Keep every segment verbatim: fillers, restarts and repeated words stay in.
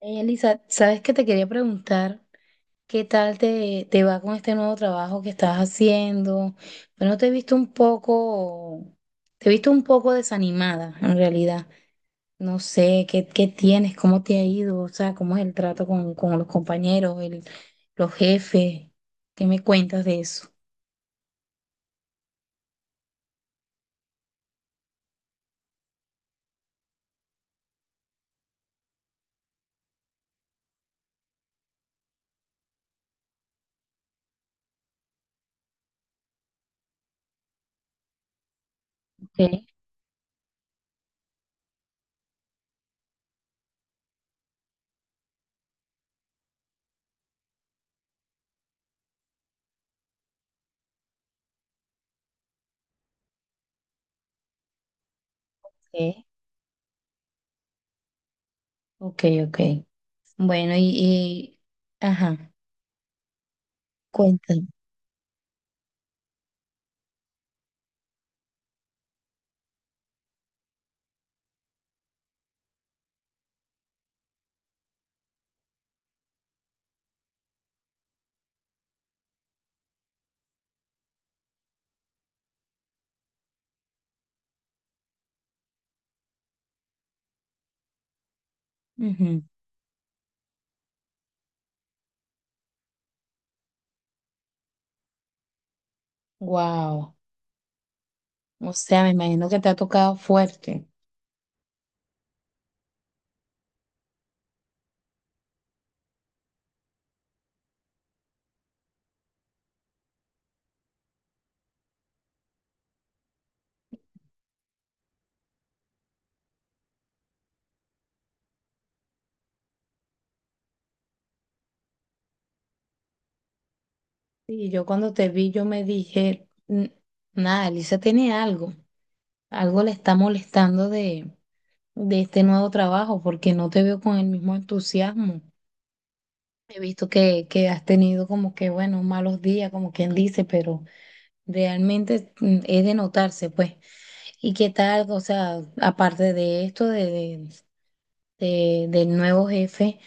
Ey, Elisa, ¿sabes qué te quería preguntar? ¿Qué tal te, te va con este nuevo trabajo que estás haciendo? Bueno, te he visto un poco, te he visto un poco desanimada en realidad. No sé, ¿qué, qué tienes? ¿Cómo te ha ido? O sea, ¿cómo es el trato con, con los compañeros, el- los jefes? ¿Qué me cuentas de eso? Okay, okay, okay, okay. Bueno, y, y- ajá, cuéntame. Wow. O sea, me imagino que te ha tocado fuerte. Y yo cuando te vi, yo me dije, "N- Nada, Elisa tiene algo, algo le está molestando de, de este nuevo trabajo, porque no te veo con el mismo entusiasmo." He visto que, que has tenido como que, bueno, malos días, como quien dice, pero realmente mm, es de notarse, pues. ¿Y qué tal? O sea, aparte de esto, de, de- de- del nuevo jefe.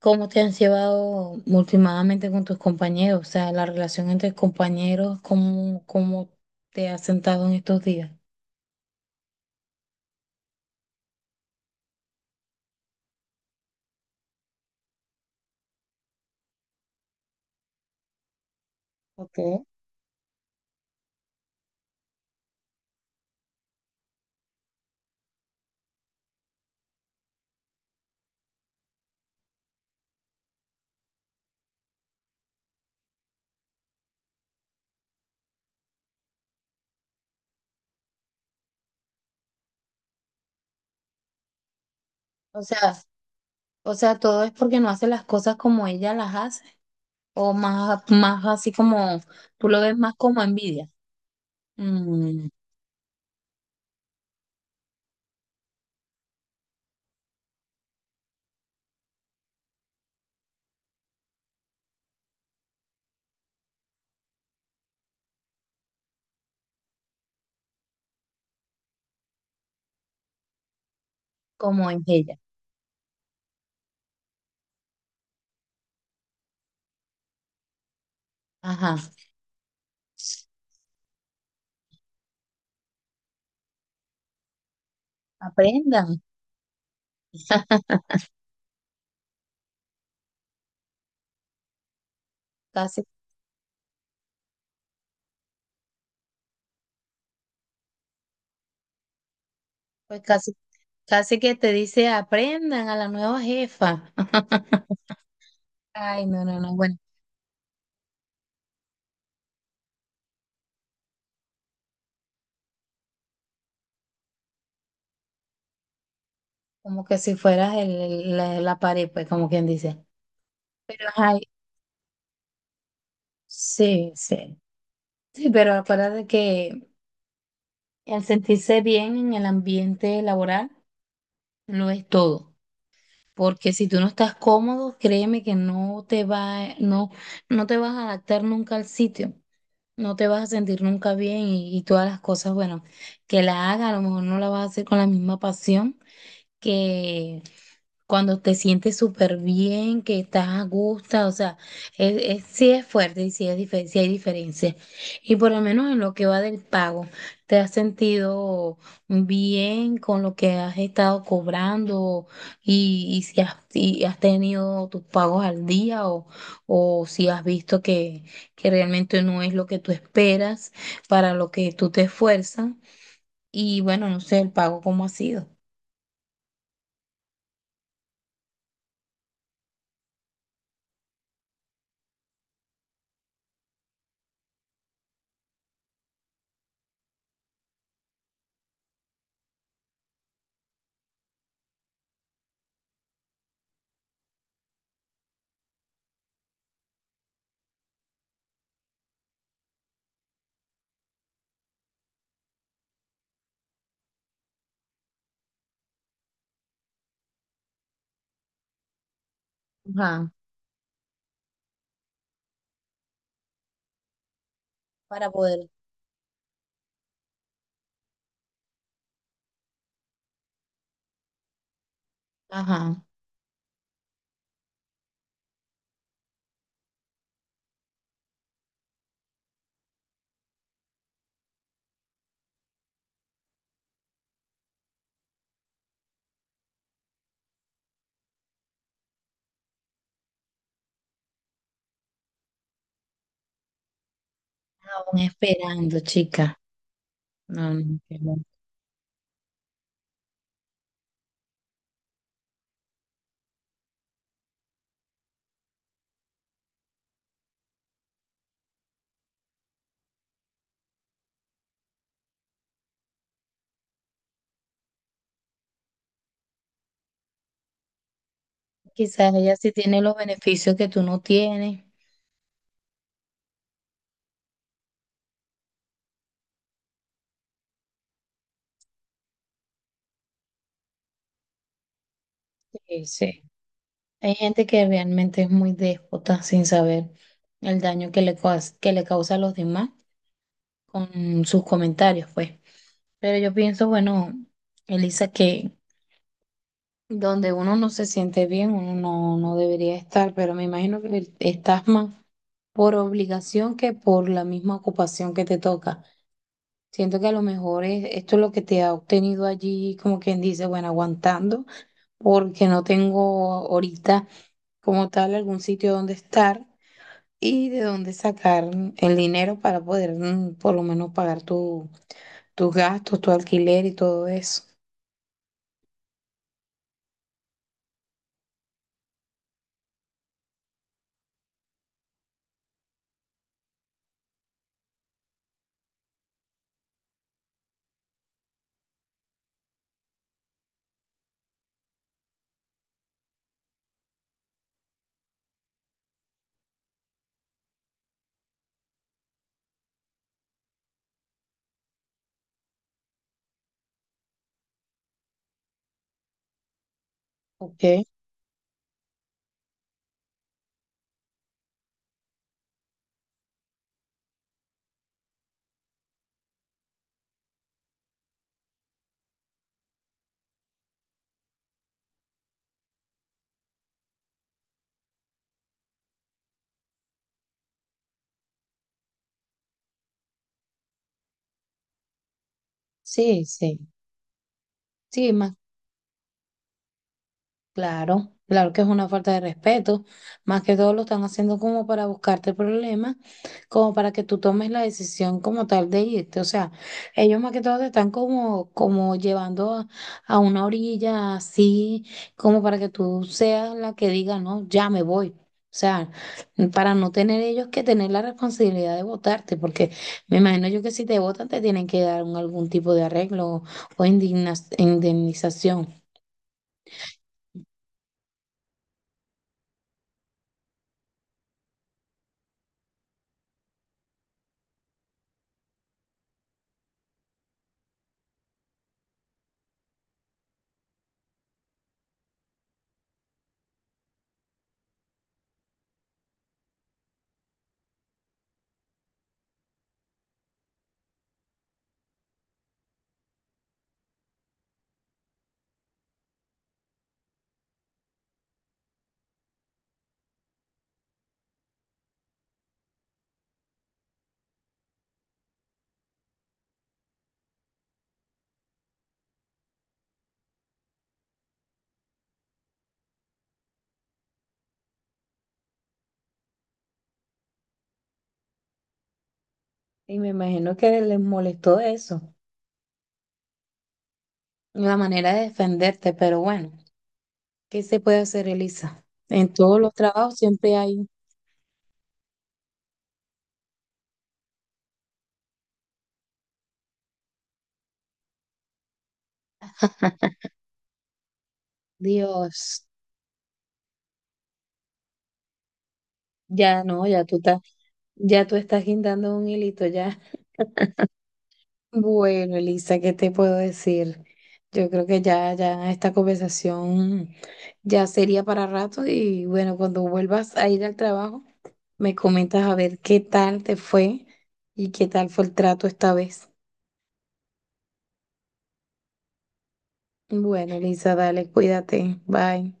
¿Cómo te has llevado últimamente con tus compañeros? O sea, la relación entre compañeros, ¿cómo, cómo te has sentado en estos días? Okay. O sea, o sea, todo es porque no hace las cosas como ella las hace, o más, más así como, tú lo ves más como envidia, mm, como en ella. Ajá, aprendan, casi, pues casi, casi que te dice: aprendan a la nueva jefa. Ay, no, no, no, bueno, como que si fueras el, el- la, la pared, pues como quien dice. Pero, ay, sí, sí. Sí, pero acuérdate que el sentirse bien en el ambiente laboral lo es todo. Porque si tú no estás cómodo, créeme que no te va, eh, no, no te vas a adaptar nunca al sitio. No te vas a sentir nunca bien y, y todas las cosas, bueno, que la haga, a lo mejor no la vas a hacer con la misma pasión que cuando te sientes súper bien, que estás a gusto, o sea, es, es- sí es fuerte y sí, es dife- sí hay diferencia. Y por lo menos en lo que va del pago, ¿te has sentido bien con lo que has estado cobrando y, y si has, y has tenido tus pagos al día o, o si has visto que, que realmente no es lo que tú esperas para lo que tú te esfuerzas? Y bueno, no sé el pago cómo ha sido. Ajá. Para poder. Ajá. Aún esperando, chica. No, no, que no. Quizás ella sí tiene los beneficios que tú no tienes. Sí, sí. Hay gente que realmente es muy déspota sin saber el daño que le, cau- que le causa a los demás con sus comentarios, pues. Pero yo pienso, bueno, Elisa, que donde uno no se siente bien, uno no, no debería estar, pero me imagino que estás más por obligación que por la misma ocupación que te toca. Siento que a lo mejor es, esto es lo que te ha obtenido allí, como quien dice, bueno, aguantando, porque no tengo ahorita como tal algún sitio donde estar y de dónde sacar el dinero para poder, mm, por lo menos pagar tu, tus gastos, tu alquiler y todo eso. Ok, sí, sí. Sí, más. Claro, claro que es una falta de respeto. Más que todo lo están haciendo como para buscarte problemas, como para que tú tomes la decisión como tal de irte. O sea, ellos más que todo te están como, como llevando a, a una orilla así, como para que tú seas la que diga, no, ya me voy. O sea, para no tener ellos que tener la responsabilidad de votarte, porque me imagino yo que si te votan te tienen que dar un- algún tipo de arreglo o indigna- indemnización. Y me imagino que les molestó eso, la manera de defenderte, pero bueno, ¿qué se puede hacer, Elisa? En todos los trabajos siempre hay, Dios, ya no, ya tú estás, ya tú estás guindando un hilito ya. Bueno, Elisa, ¿qué te puedo decir? Yo creo que ya, ya esta conversación ya sería para rato y bueno, cuando vuelvas a ir al trabajo, me comentas a ver qué tal te fue y qué tal fue el trato esta vez. Bueno, Elisa, dale, cuídate. Bye.